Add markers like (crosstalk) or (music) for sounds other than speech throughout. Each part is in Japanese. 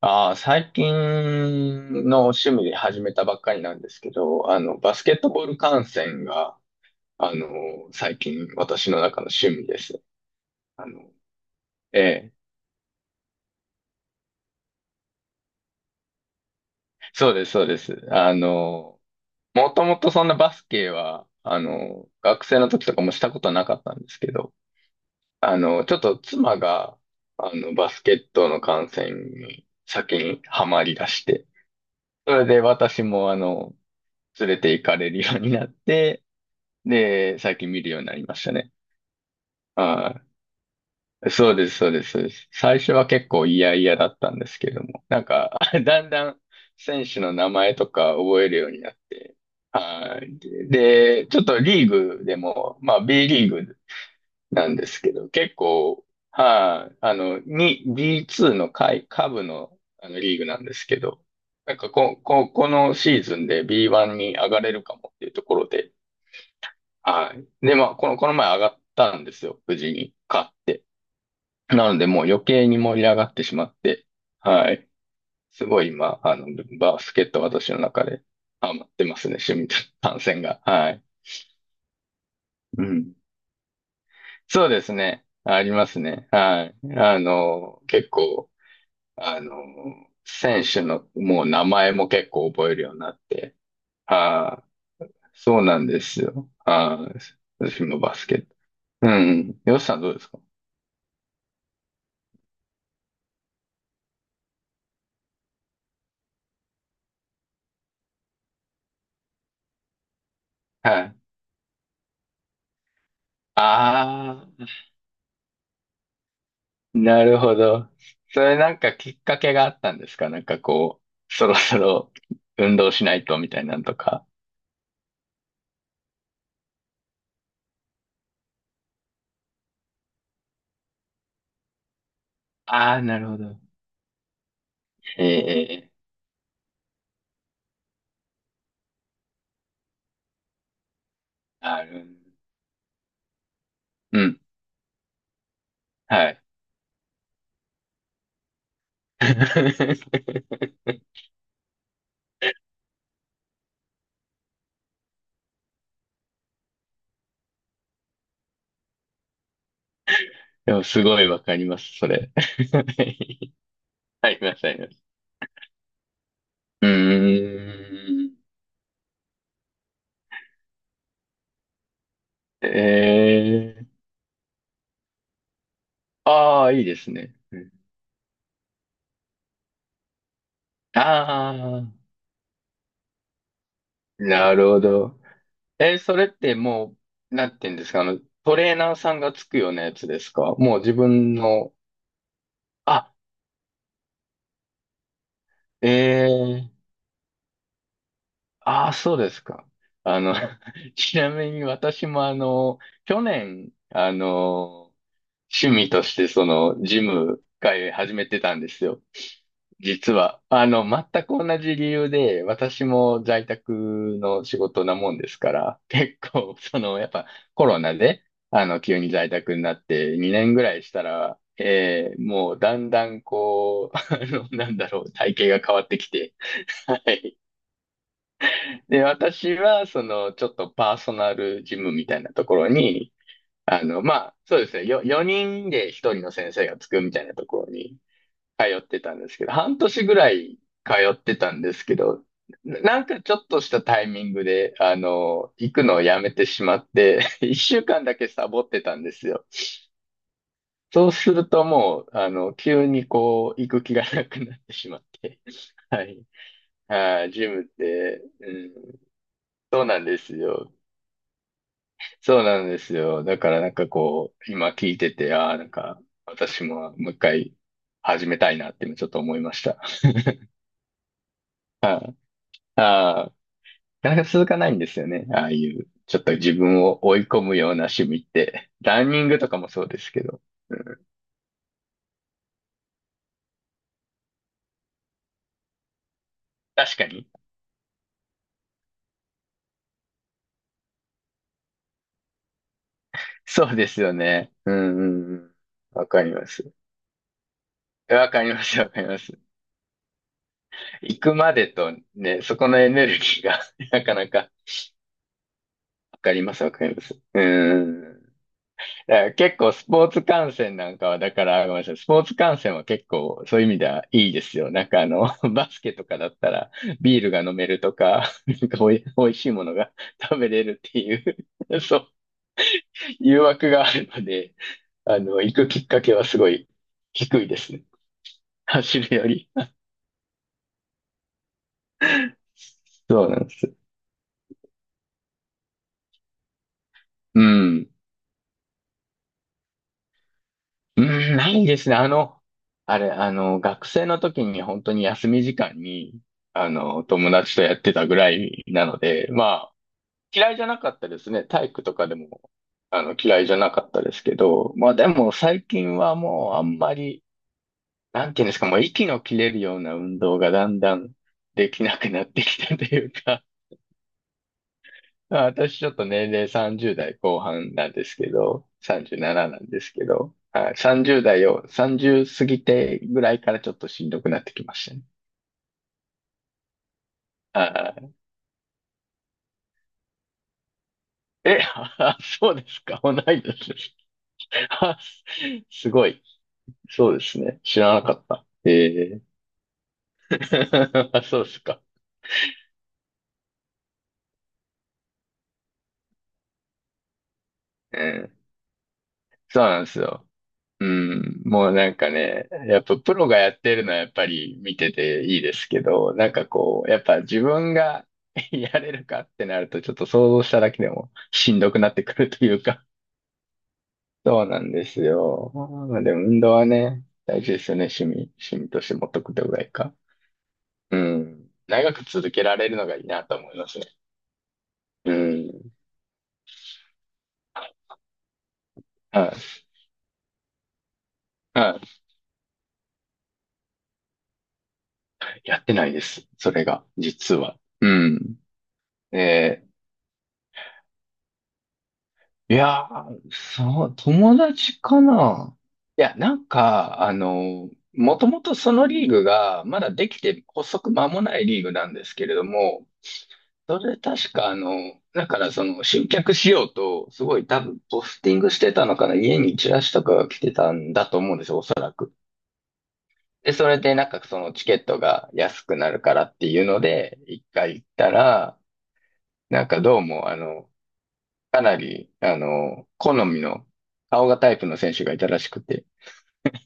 ああ、最近の趣味で始めたばっかりなんですけど、バスケットボール観戦が、あの、最近私の中の趣味です。あの、ええ、そうです、そうです。もともとそんなバスケは、学生の時とかもしたことはなかったんですけど、ちょっと妻が、バスケットの観戦に先にハマり出して、それで私も、連れて行かれるようになって、で、最近見るようになりましたね。はい。そうです、そうです、そうです。最初は結構嫌々だったんですけども、なんか、(laughs) だんだん選手の名前とか覚えるようになって、はい。で、ちょっとリーグでも、まあ B リーグなんですけど、結構、はい、B2 の下位、下部の、あのリーグなんですけど、なんかこのシーズンで B1 に上がれるかもっていうところで、はい。で、まあ、この前上がったんですよ。無事に買って。なので、もう余計に盛り上がってしまって、はい。すごい今、バスケット私の中でハマってますね。趣味と単線が。はい。うん。そうですね。ありますね。はい。結構、あの、選手のもう名前も結構覚えるようになって。はい。そうなんですよ。はい。私もバスケット。うん。よしさんどうですか？はい。ああ、なるほど。それなんかきっかけがあったんですか？なんかこう、そろそろ運動しないとみたいなんとか。ああ、なるほど。ええ、ある。うん、はい。(laughs) でもすごいわかります、それ。(laughs) あります、あります。うーん。ええ、ああ、いいですね。ああー、なるほど。え、それってもう、なんて言うんですか、トレーナーさんがつくようなやつですか？もう自分の、あ、ええ、ああ、そうですか。あの、(laughs) ちなみに私も去年、趣味としてそのジム会始めてたんですよ。実は、全く同じ理由で、私も在宅の仕事なもんですから、結構、その、やっぱコロナで、急に在宅になって2年ぐらいしたら、もうだんだんこう、(laughs) なんだろう、体型が変わってきて、はい。で、私は、その、ちょっとパーソナルジムみたいなところにまあ、そうですね。4人で1人の先生がつくみたいなところに通ってたんですけど、半年ぐらい通ってたんですけど、なんかちょっとしたタイミングで、行くのをやめてしまって、(laughs) 1週間だけサボってたんですよ。そうするともう、急にこう、行く気がなくなってしまって。(laughs) はい。あ、ジムって、うん、そうなんですよ。そうなんですよ。だからなんかこう、今聞いてて、ああ、なんか私ももう一回始めたいなって今ちょっと思いました。(laughs) ああ、なかなか続かないんですよね。ああいう、ちょっと自分を追い込むような趣味って。ランニングとかもそうですけど。確かに。そうですよね。うんうんうん。わかります。わかります、わかります。行くまでとね、そこのエネルギーが (laughs) なかなかわかります、わかります。うん。結構スポーツ観戦なんかは、だから、ごめんなさい、スポーツ観戦は結構そういう意味ではいいですよ。なんか(laughs) バスケとかだったらビールが飲めるとか、(laughs) おいしいものが食べれるっていう、(laughs) そう、誘惑があるので、行くきっかけはすごい低いですね。走るより。そうなんです。うん。うん、ないですね。あの、あれ、あの、学生の時に本当に休み時間に、友達とやってたぐらいなので、まあ、嫌いじゃなかったですね。体育とかでも、嫌いじゃなかったですけど、まあでも最近はもうあんまり、なんていうんですか、もう息の切れるような運動がだんだんできなくなってきたというか、(laughs) まあ私ちょっと年齢30代後半なんですけど、37なんですけど、はい、30代を、30過ぎてぐらいからちょっとしんどくなってきましたね。はい。え、(laughs) そうですか、同い年です。(laughs) すごい。そうですね。知らなかった。ええ (laughs) あ、そうですか。うん。そうなんですよ。うん。もうなんかね、やっぱプロがやってるのはやっぱり見てていいですけど、なんかこう、やっぱ自分が (laughs) やれるかってなるとちょっと想像しただけでもしんどくなってくるというか。(laughs) そうなんですよ。まあでも運動はね、大事ですよね。趣味として持っとくってぐらいか。うん。長く続けられるのがいいなと思いますね。うん。はい。はい。やってないです。それが、実は。うん。え、いやー、そう、友達かな。いや、なんか、もともとそのリーグが、まだできて発足間もないリーグなんですけれども、それ確か、だからその集客しようと、すごい多分ポスティングしてたのかな、家にチラシとかが来てたんだと思うんですよ、おそらく。で、それでなんかそのチケットが安くなるからっていうので、一回行ったら、なんかどうも、かなり、好みの顔がタイプの選手がいたらしくて。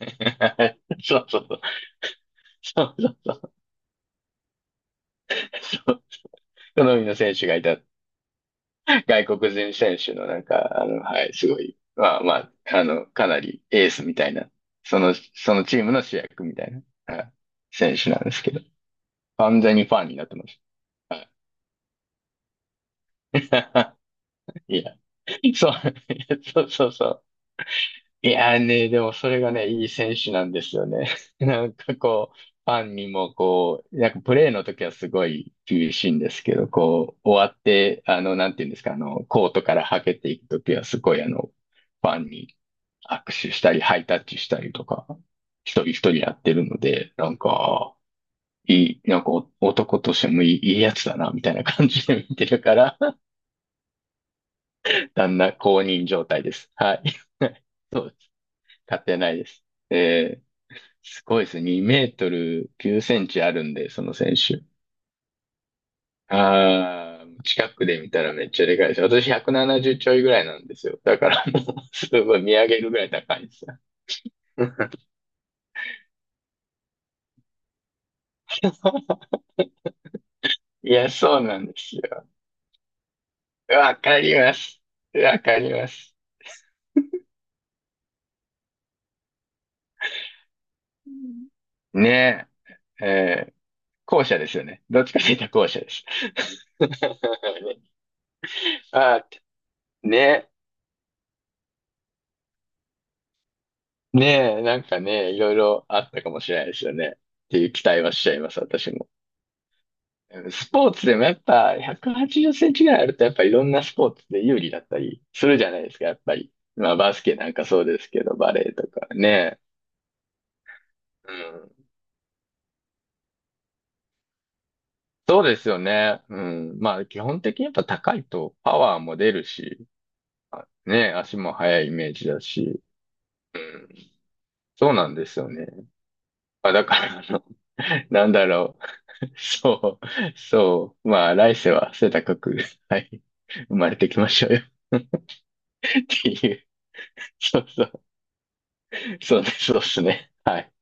(laughs) そうそうそう。そうそうそう。そう好みの選手がいた。外国人選手のなんか、はい、すごい。まあまあ、かなりエースみたいな。そのチームの主役みたいな、はい、選手なんですけど。完全にファンになってます。はい。(laughs) いや、そう、(laughs) そうそうそう。いやーね、でもそれがね、いい選手なんですよね。(laughs) なんかこう、ファンにもこう、なんかプレーの時はすごい厳しいんですけど、こう、終わって、なんていうんですか、コートからはけていく時はすごいファンに握手したり、ハイタッチしたりとか、一人一人やってるので、なんか、いい、なんか男としてもいい、やつだな、みたいな感じで見てるから、(laughs) だんだん公認状態です。はい。(laughs) そうです。勝てないです。えーすごいですね。2メートル9センチあるんで、その選手。ああ、近くで見たらめっちゃでかいです。私170ちょいぐらいなんですよ。だからもう、すごい見上げるぐらい高いですよ。(laughs) いや、そうなんですよ。わかります。わかります。ねえ、後者ですよね。どっちかというと後者です。(laughs) ね、あー、ね、ねえ、なんかね、いろいろあったかもしれないですよね。っていう期待はしちゃいます、私も。スポーツでもやっぱ180センチぐらいあるとやっぱいろんなスポーツで有利だったりするじゃないですか、やっぱり。まあバスケなんかそうですけど、バレーとかね。うん。そうですよね。うん。まあ基本的にやっぱ高いとパワーも出るし、ね、足も速いイメージだし。うん。そうなんですよね。まあだから(laughs) なんだろう。そう、そう。まあ来世は背高く、はい、生まれてきましょうよっていう。そうそう。そうね、そうですね。はい。